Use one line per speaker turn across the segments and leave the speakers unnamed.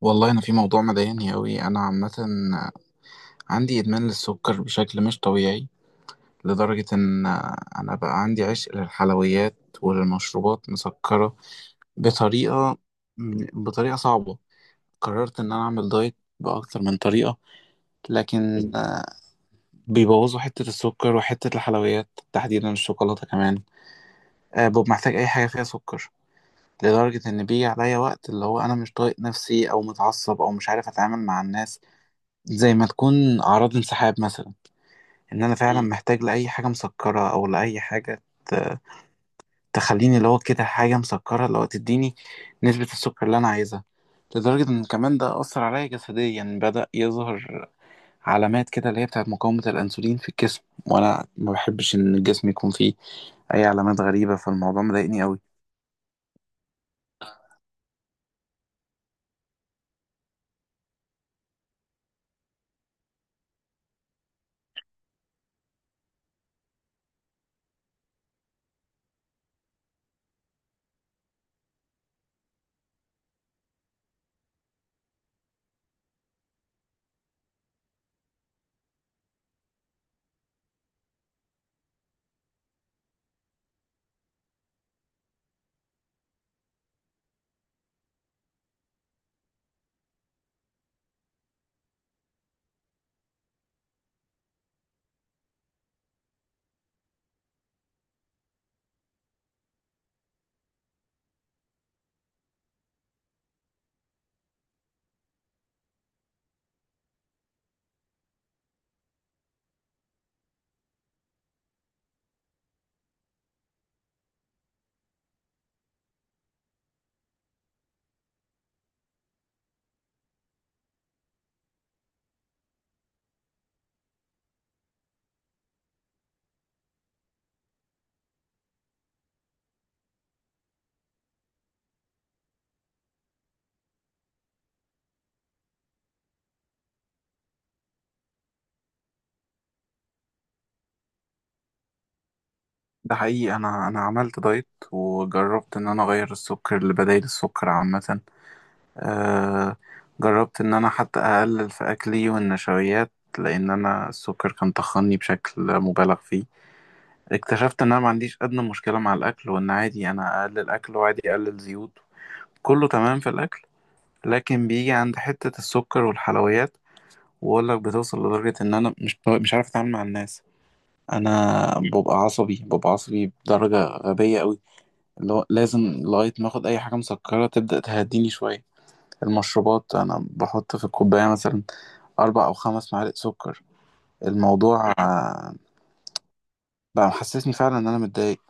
والله انا في موضوع مضايقني قوي، انا عامه عندي ادمان للسكر بشكل مش طبيعي لدرجه ان انا بقى عندي عشق للحلويات وللمشروبات مسكره بطريقه بطريقه صعبه. قررت ان انا اعمل دايت باكتر من طريقه، لكن بيبوظوا حته السكر وحته الحلويات تحديدا الشوكولاته كمان. ببقى محتاج اي حاجه فيها سكر، لدرجه ان بيجي عليا وقت اللي هو انا مش طايق نفسي او متعصب او مش عارف اتعامل مع الناس، زي ما تكون أعراض انسحاب مثلا. إن أنا فعلا محتاج لأي حاجة مسكرة أو لأي حاجة تخليني اللي هو كده حاجة مسكرة اللي هو تديني نسبة السكر اللي أنا عايزها. لدرجة إن كمان ده أثر عليا جسديا، بدأ يظهر علامات كده اللي هي بتاعت مقاومة الأنسولين في الجسم، وأنا ما بحبش إن الجسم يكون فيه أي علامات غريبة، فالموضوع مضايقني أوي. ده حقيقي، أنا عملت دايت وجربت إن أنا أغير السكر لبدايل السكر عامة. آه جربت ان انا حتى اقلل في اكلي والنشويات، لان انا السكر كان طخني بشكل مبالغ فيه. اكتشفت ان انا ما عنديش ادنى مشكلة مع الاكل، وان عادي انا اقلل اكل وعادي اقلل زيوت، كله تمام في الاكل. لكن بيجي عند حتة السكر والحلويات، واقول لك بتوصل لدرجة ان انا مش عارف اتعامل مع الناس. انا ببقى عصبي ببقى عصبي بدرجة غبية قوي، اللي هو لازم لغاية ما اخد اي حاجة مسكرة تبدأ تهديني شوية. المشروبات انا بحط في الكوبايه مثلا 4 أو 5 معالق سكر. الموضوع بقى محسسني فعلا ان انا متضايق.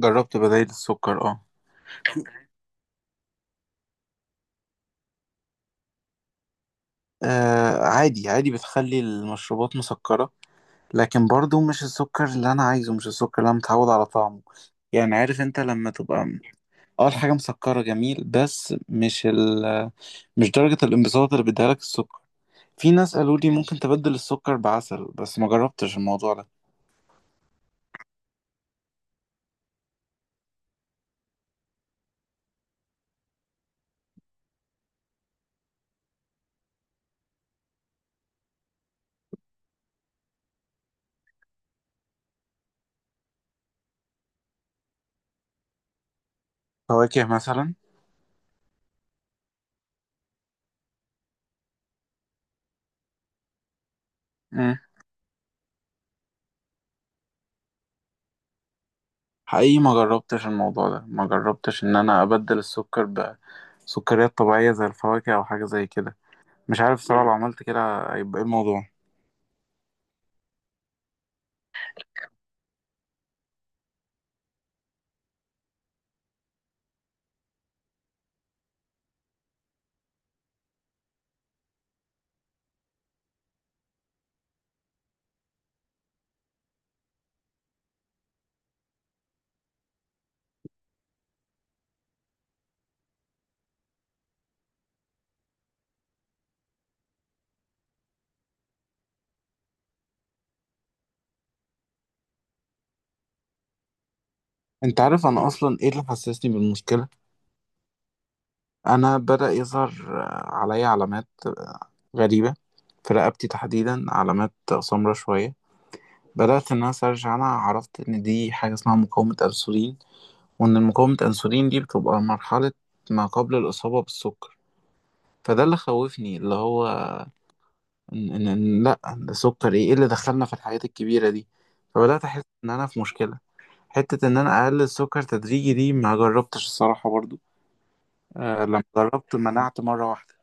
جربت بدايل السكر، اه. عادي عادي بتخلي المشروبات مسكره، لكن برضو مش السكر اللي انا عايزه، مش السكر اللي انا متعود على طعمه. يعني عارف انت لما تبقى اه الحاجه مسكره، جميل، بس مش درجه الانبساط اللي بيديها لك السكر. في ناس قالوا لي ممكن تبدل السكر بعسل، بس ما جربتش الموضوع ده. فواكه مثلا. حقيقي ما جربتش الموضوع ده، ما جربتش ان انا ابدل السكر بسكريات طبيعية زي الفواكه او حاجة زي كده. مش عارف صراحة لو عملت كده هيبقى ايه الموضوع. انت عارف انا اصلا ايه اللي حسسني بالمشكلة؟ انا بدأ يظهر عليا علامات غريبة في رقبتي تحديدا، علامات سمرة شوية. بدأت ان انا سيرش عنها، عرفت ان دي حاجة اسمها مقاومة انسولين، وان مقاومة انسولين دي بتبقى مرحلة ما قبل الاصابة بالسكر. فده اللي خوفني اللي هو إن لأ ده سكر، إيه اللي دخلنا في الحاجات الكبيرة دي. فبدأت أحس إن أنا في مشكلة. حتة إن أنا أقلل السكر تدريجي دي ما جربتش الصراحة برضو، لما جربت منعت مرة واحدة.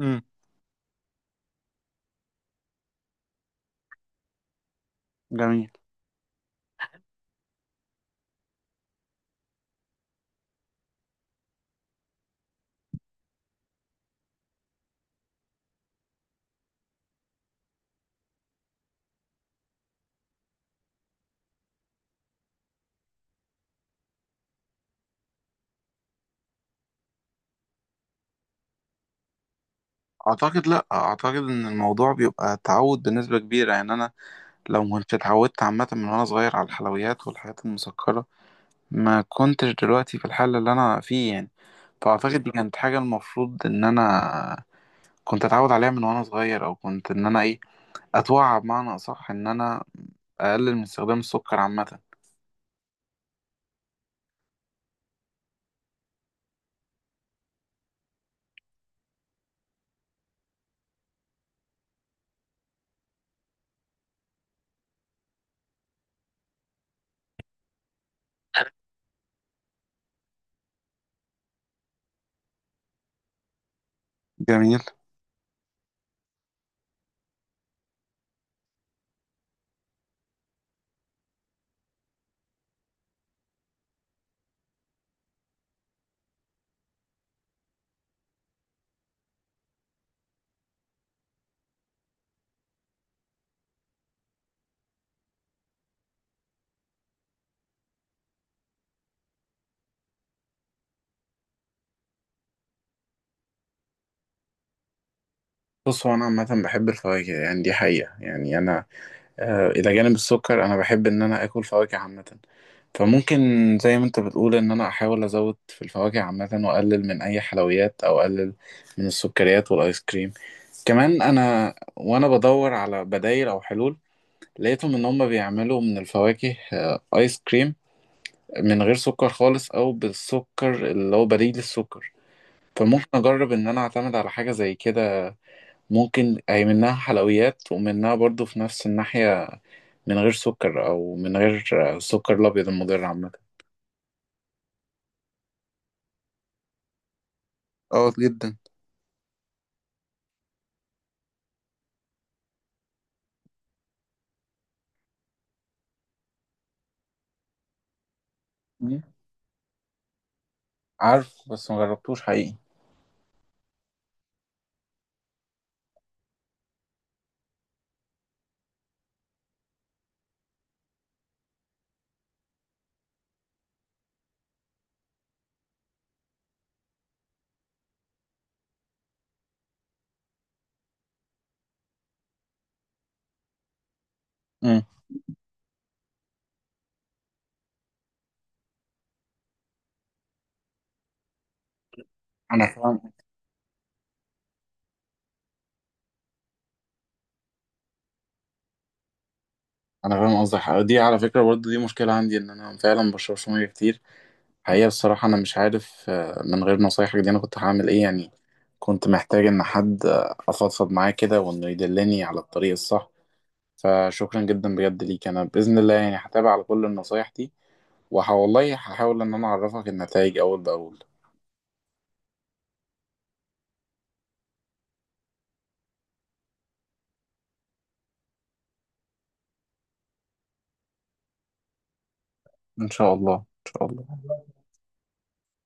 امم، جميل. أعتقد لأ، أعتقد إن الموضوع بيبقى تعود بنسبة كبيرة يعني. أنا لو ما كنتش اتعودت عامة من وأنا صغير على الحلويات والحاجات المسكرة، ما كنتش دلوقتي في الحالة اللي أنا فيه يعني. فأعتقد دي كانت حاجة المفروض إن أنا كنت أتعود عليها من وأنا صغير، أو كنت إن أنا إيه أتوعى بمعنى أصح إن أنا أقلل من استخدام السكر عامة. جميل. بص هو أنا عامة بحب الفواكه، يعني دي حقيقة. يعني أنا إلى جانب السكر أنا بحب إن أنا آكل فواكه عامة. فممكن زي ما أنت بتقول إن أنا أحاول أزود في الفواكه عامة وأقلل من أي حلويات، أو أقلل من السكريات والآيس كريم. كمان أنا وأنا بدور على بدايل أو حلول، لقيتهم إن هما بيعملوا من الفواكه آيس كريم من غير سكر خالص، أو بالسكر اللي هو بديل السكر. فممكن اجرب ان انا اعتمد على حاجه زي كده. ممكن هي منها حلويات ومنها برضو في نفس الناحيه، من غير سكر او من غير السكر الابيض المضر عامه. اه، جدا. مم. عارف، بس ما جربتوش حقيقي. مم. انا فاهم. انا فاهم قصدك. دي على فكره برضو دي مشكله عندي، ان انا فعلا ما بشربش ميه كتير. حقيقه بصراحه انا مش عارف من غير نصايحك دي انا كنت هعمل ايه يعني. كنت محتاج ان حد افضفض معاه كده وانه يدلني على الطريق الصح. فشكرا جدا بجد ليك، انا باذن الله يعني هتابع على كل النصايح دي، وهولله هحاول ان انا اعرفك النتائج اول باول. ان شاء الله ان شاء الله.